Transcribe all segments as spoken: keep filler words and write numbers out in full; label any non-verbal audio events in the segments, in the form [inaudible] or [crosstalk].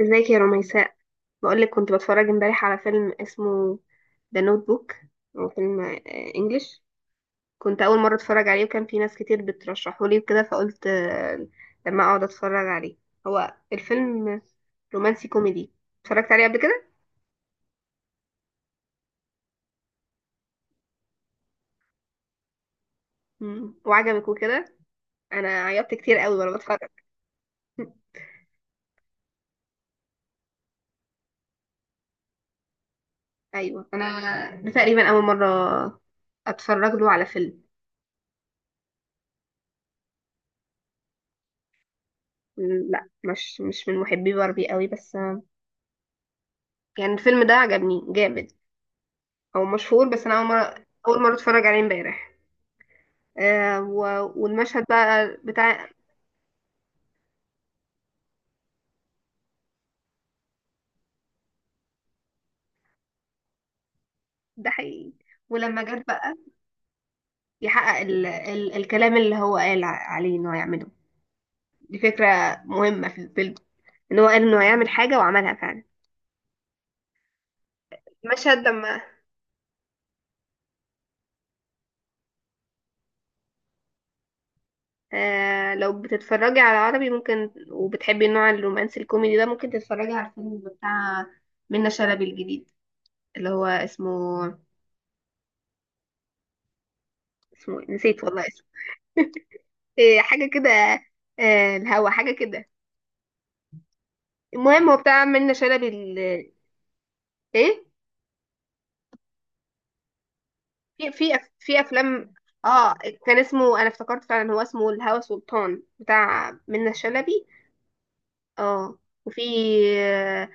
ازيك يا رميساء؟ بقولك كنت بتفرج امبارح على فيلم اسمه ذا نوت بوك. هو فيلم آه، انجليش. كنت اول مره اتفرج عليه، وكان في ناس كتير بترشحه لي وكده، فقلت آه، لما اقعد اتفرج عليه. هو الفيلم رومانسي كوميدي. اتفرجت عليه قبل كده. مم. وعجبك وكده؟ انا عيطت كتير قوي وانا بتفرج. [laughs] ايوه، انا ده تقريبا اول مره اتفرج له على فيلم. لا، مش مش من محبي باربي قوي بس. آه، يعني الفيلم ده عجبني جامد. هو مشهور، بس انا اول مره اول مره اتفرج عليه امبارح. آه و... والمشهد بقى بتاع. ده حقيقي. ولما جت بقى يحقق ال... ال... الكلام اللي هو قال ع- عليه انه هيعمله. دي فكره مهمه في الفيلم، ان هو قال انه هيعمل حاجه وعملها فعلا. المشهد لما... آه، لو بتتفرجي على عربي ممكن وبتحبي النوع الرومانسي الكوميدي ده، ممكن تتفرجي على الفيلم بتاع منة شلبي الجديد اللي هو اسمه. اسمه إيه؟ نسيت والله اسمه. إيه، حاجه كده. آه، الهوا، حاجه كده. المهم هو بتاع منة شلبي ال- ايه. في في أف- في افلام. اه، كان اسمه. انا افتكرت فعلا هو اسمه الهوى سلطان، بتاع منة شلبي. اه. وفي آه،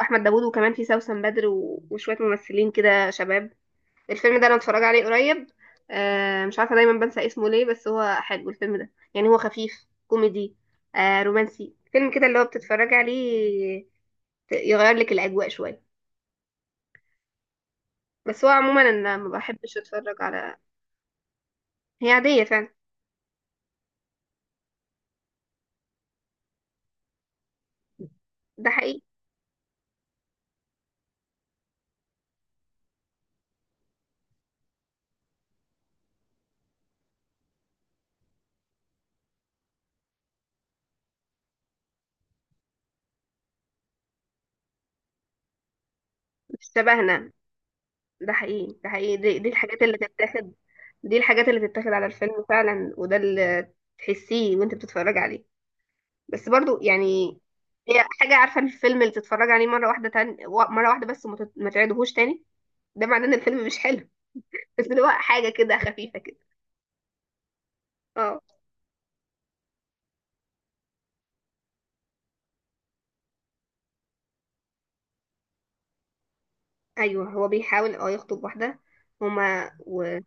احمد داوود، وكمان في سوسن بدر و- وشويه ممثلين كده شباب. الفيلم ده انا متفرج عليه قريب. آه مش عارفه دايما بنسى اسمه ليه، بس هو حلو الفيلم ده، يعني هو خفيف كوميدي آه رومانسي، فيلم كده اللي هو بتتفرج عليه ت- يغير لك الاجواء شويه. بس هو عموما انا ما بحبش اتفرج على... هي عادية فعلا. ده حقيقي. مش شبهنا. ده حقيقي، ده حقيقي، دي, دي الحاجات اللي تتاخد. دي الحاجات اللي تتاخد على الفيلم فعلا، وده اللي تحسيه وانت بتتفرج عليه. بس برضو يعني هي حاجة. عارفة الفيلم اللي تتفرج عليه مرة واحدة تاني و- مرة واحدة بس وما تت- ما تعيدهوش تاني، ده معناه ان الفيلم مش حلو. [laughs] بس اللي هو حاجة كده خفيفة كده. اه. ايوه، هو بيحاول اه يخطب واحدة. هما و...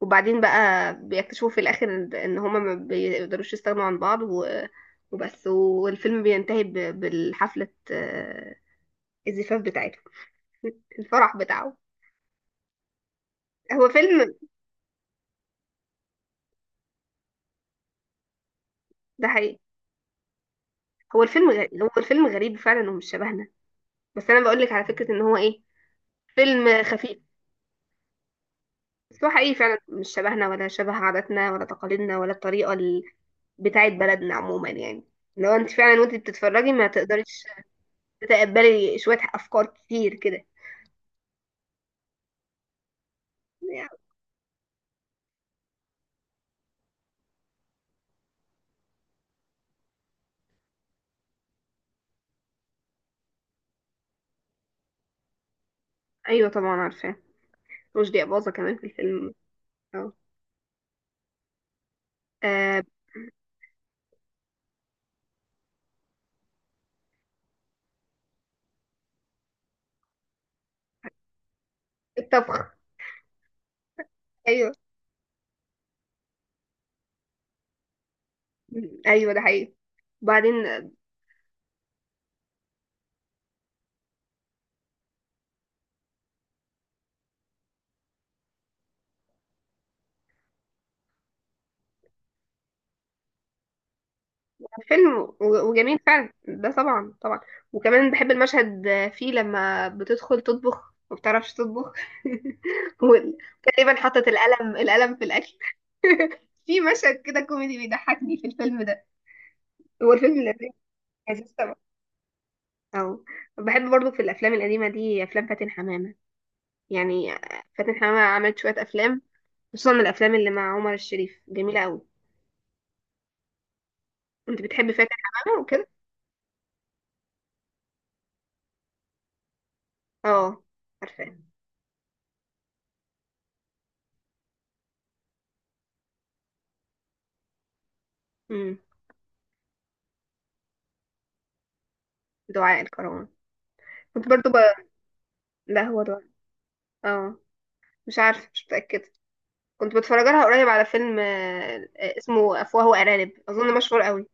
وبعدين بقى بيكتشفوا في الاخر ان إن هما ما بيقدروش يستغنوا عن بعض و... وبس. والفيلم بينتهي ب... بالحفلة، آه، الزفاف بتاعتهم، الفرح بتاعه. هو فيلم. ده حقيقي. هو الفيلم غريب، هو الفيلم غريب فعلا ومش شبهنا. بس انا بقول لك على فكرة ان هو ايه، فيلم خفيف. بس هو حقيقي فعلا مش شبهنا، ولا شبه عاداتنا ولا تقاليدنا، ولا الطريقة ال... بتاعت بلدنا عموما يعني. لو انت فعلا وانت بتتفرجي ما تقدريش تتقبلي شوية افكار كتير كده. ايوه طبعا، عارفاه. رشدي اباظة كمان في الفيلم. اه. آه، الطبخ. ايوه، ايوه، ده حقيقي. وبعدين ده فيلم و- وجميل فعلا، ده طبعا طبعا. وكمان بحب المشهد فيه لما بتدخل تطبخ ما بتعرفش تطبخ. [laughs] وتقريبا حطت القلم القلم في الاكل. [laughs] في مشهد كده كوميدي بيضحكني في الفيلم ده. هو الفيلم لذيذ، لذيذ طبعا. اه، بحب برضو في الافلام القديمه دي افلام فاتن حمامه. يعني فاتن حمامه عملت شويه افلام، خصوصا من الافلام اللي مع عمر الشريف، جميله قوي. كنت بتحبي فاتن حمامه وكده؟ اه، عارفاه. امم. دعاء الكروان. كنت برضو ب... لا، هو دعاء. اه. مش عارفه، مش متاكده. كنت بتفرج لها قريب على فيلم آه، آه، اسمه افواه وارانب، اظن مشهور قوي.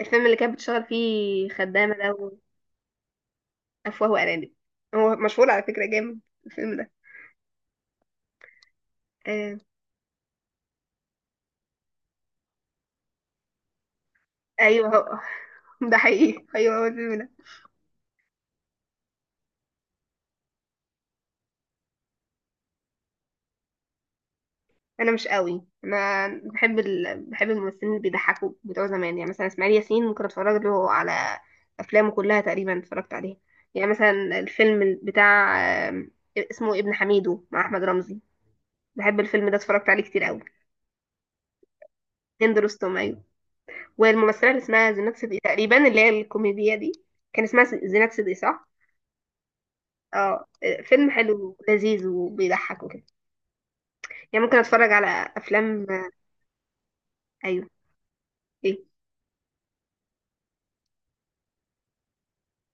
الفيلم اللي كانت بتشتغل فيه خدامه ده و- افواه وارانب. هو مشهور على فكره جامد الفيلم ده. آه. ايوه هو. [laughs] ده حقيقي، ايوه هو الفيلم ده. انا مش قوي، انا بحب ال... بحب الممثلين اللي بيضحكوا بتوع زمان، يعني مثلا اسماعيل ياسين كنت اتفرج له على افلامه كلها تقريبا، اتفرجت عليها. يعني مثلا الفيلم بتاع آم، اسمه ابن حميدو مع احمد رمزي، بحب الفيلم ده اتفرجت عليه كتير قوي. هند رستم، ايوه. والممثله اللي اسمها زينات صدقي تقريبا، اللي هي الكوميديا دي، كان اسمها س- زينات صدقي، صح. اه. فيلم حلو لذيذ وبيضحك وكده، يعني ممكن اتفرج على افلام. ايوه. ايه.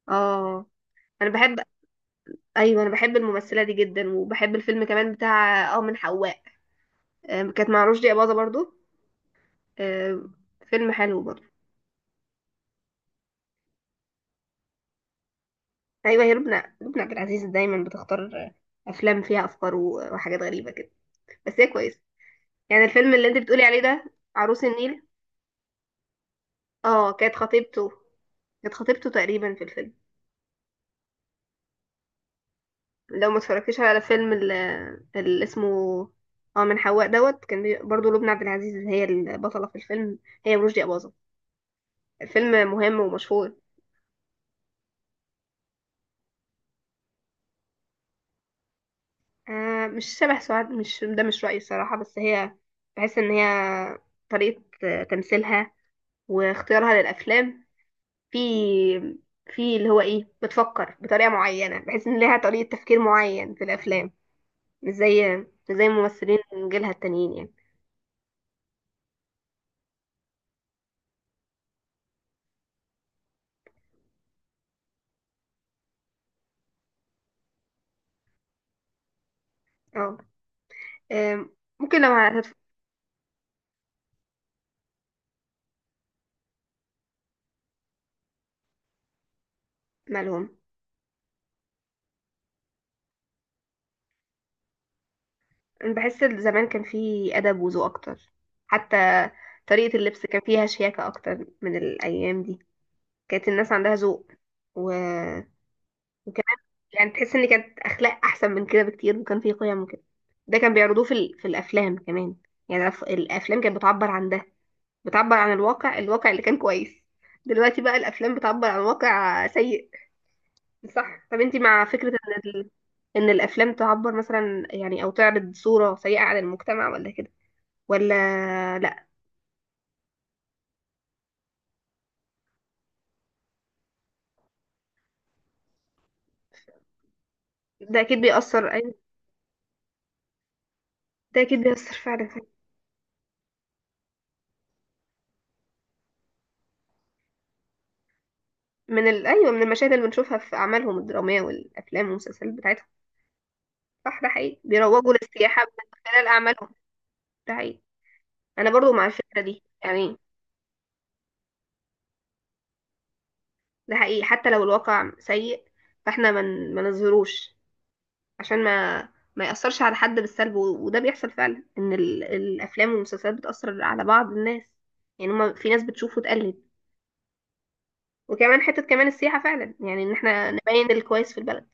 اه. انا بحب. ايوه، انا بحب الممثله دي جدا، وبحب الفيلم كمان بتاع اه من حواء. آم، كانت مع رشدي اباظه برضو. آم، فيلم حلو برضو. ايوه، هي لبنى، لبنى عبد العزيز دايما بتختار افلام فيها افكار و- وحاجات غريبه كده، بس هي كويسه. يعني الفيلم اللي انت بتقولي عليه ده عروس النيل. اه، كانت خطيبته، كانت خطيبته تقريبا في الفيلم. لو ما اتفرجتيش على فيلم ال- اللي اسمه اه من حواء دوت، كان بي- برضو لبنى عبد العزيز هي البطله في الفيلم، هي ورشدي اباظه. الفيلم مهم ومشهور. آه، مش شبه سعاد، مش ده مش رأيي الصراحة، بس هي... بحس ان هي طريقة آه، تمثيلها واختيارها للأفلام في... في اللي هو ايه، بتفكر بطريقة معينة، بحس ان ليها طريقة تفكير معين في الأفلام، مش زي مش زي ممثلين من جيلها التانيين يعني. اه. آم، ممكن لو هتتفق. مالهم. أنا بحس إن زمان كان في أدب وذوق أكتر، حتى طريقة اللبس كان فيها شياكة أكتر من الأيام دي. كانت الناس عندها ذوق و... وكان، يعني تحس ان كانت اخلاق احسن من كده بكتير، وكان في قيم وكده. ده كان بيعرضوه في ال... في الافلام كمان، يعني الأف- الافلام كانت بتعبر عن ده، بتعبر عن الواقع، الواقع اللي كان كويس. دلوقتي بقى الافلام بتعبر عن واقع سيء. صح. طب انتي مع فكرة ان ال... ان الافلام تعبر مثلا، يعني او تعرض صورة سيئة عن المجتمع، ولا كده ولا لا؟ ده اكيد بيأثر، أيوة. ده اكيد بيأثر فعلا. من ال... ايوه، من المشاهد اللي بنشوفها في اعمالهم الدرامية والافلام والمسلسلات بتاعتهم. صح، ده حقيقي بيروجوا للسياحة من خلال أعمالهم. ده حقيقي. أنا برضو مع الفكرة دي يعني. ده حقيقي حتى لو الواقع سيء، فاحنا ما من... ما نظهروش، عشان ما ما يأثرش على حد بالسلب. و... وده بيحصل فعلا، إن ال... الأفلام والمسلسلات بتأثر على بعض الناس، يعني هما في ناس بتشوف وتقلد. وكمان حتة كمان السياحة فعلا، يعني إن احنا نبين الكويس في البلد.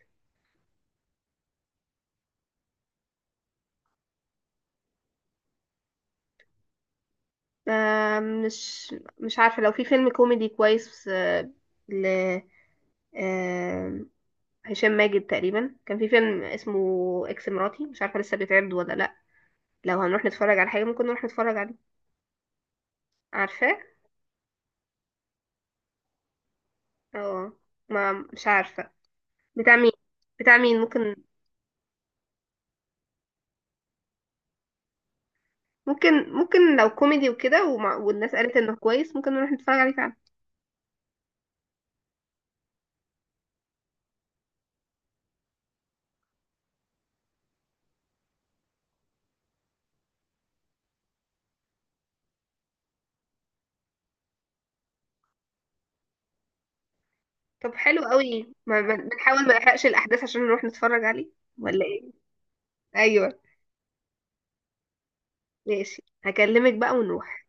آه، مش مش عارفة. لو في فيلم كوميدي كويس آه، ل... آه، هشام ماجد تقريبا كان في فيلم اسمه اكس مراتي، مش عارفه لسه بيتعرض ولا لا. لو هنروح نتفرج على حاجه ممكن نروح نتفرج عليه، عارفاه. اه، ما مش عارفه. بتاع مين؟ بتاع مين ممكن؟ ممكن. ممكن لو كوميدي وكده ومع... والناس قالت انه كويس، ممكن نروح نتفرج عليه فعلا. طب حلو قوي، ما ما- بنحاول ما نحرقش الاحداث عشان نروح نتفرج عليه، ولا ايه؟ ايوه. ماشي، هكلمك بقى ونروح.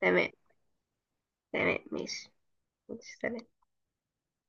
تمام. تمام، ماشي. ماشي، سلام.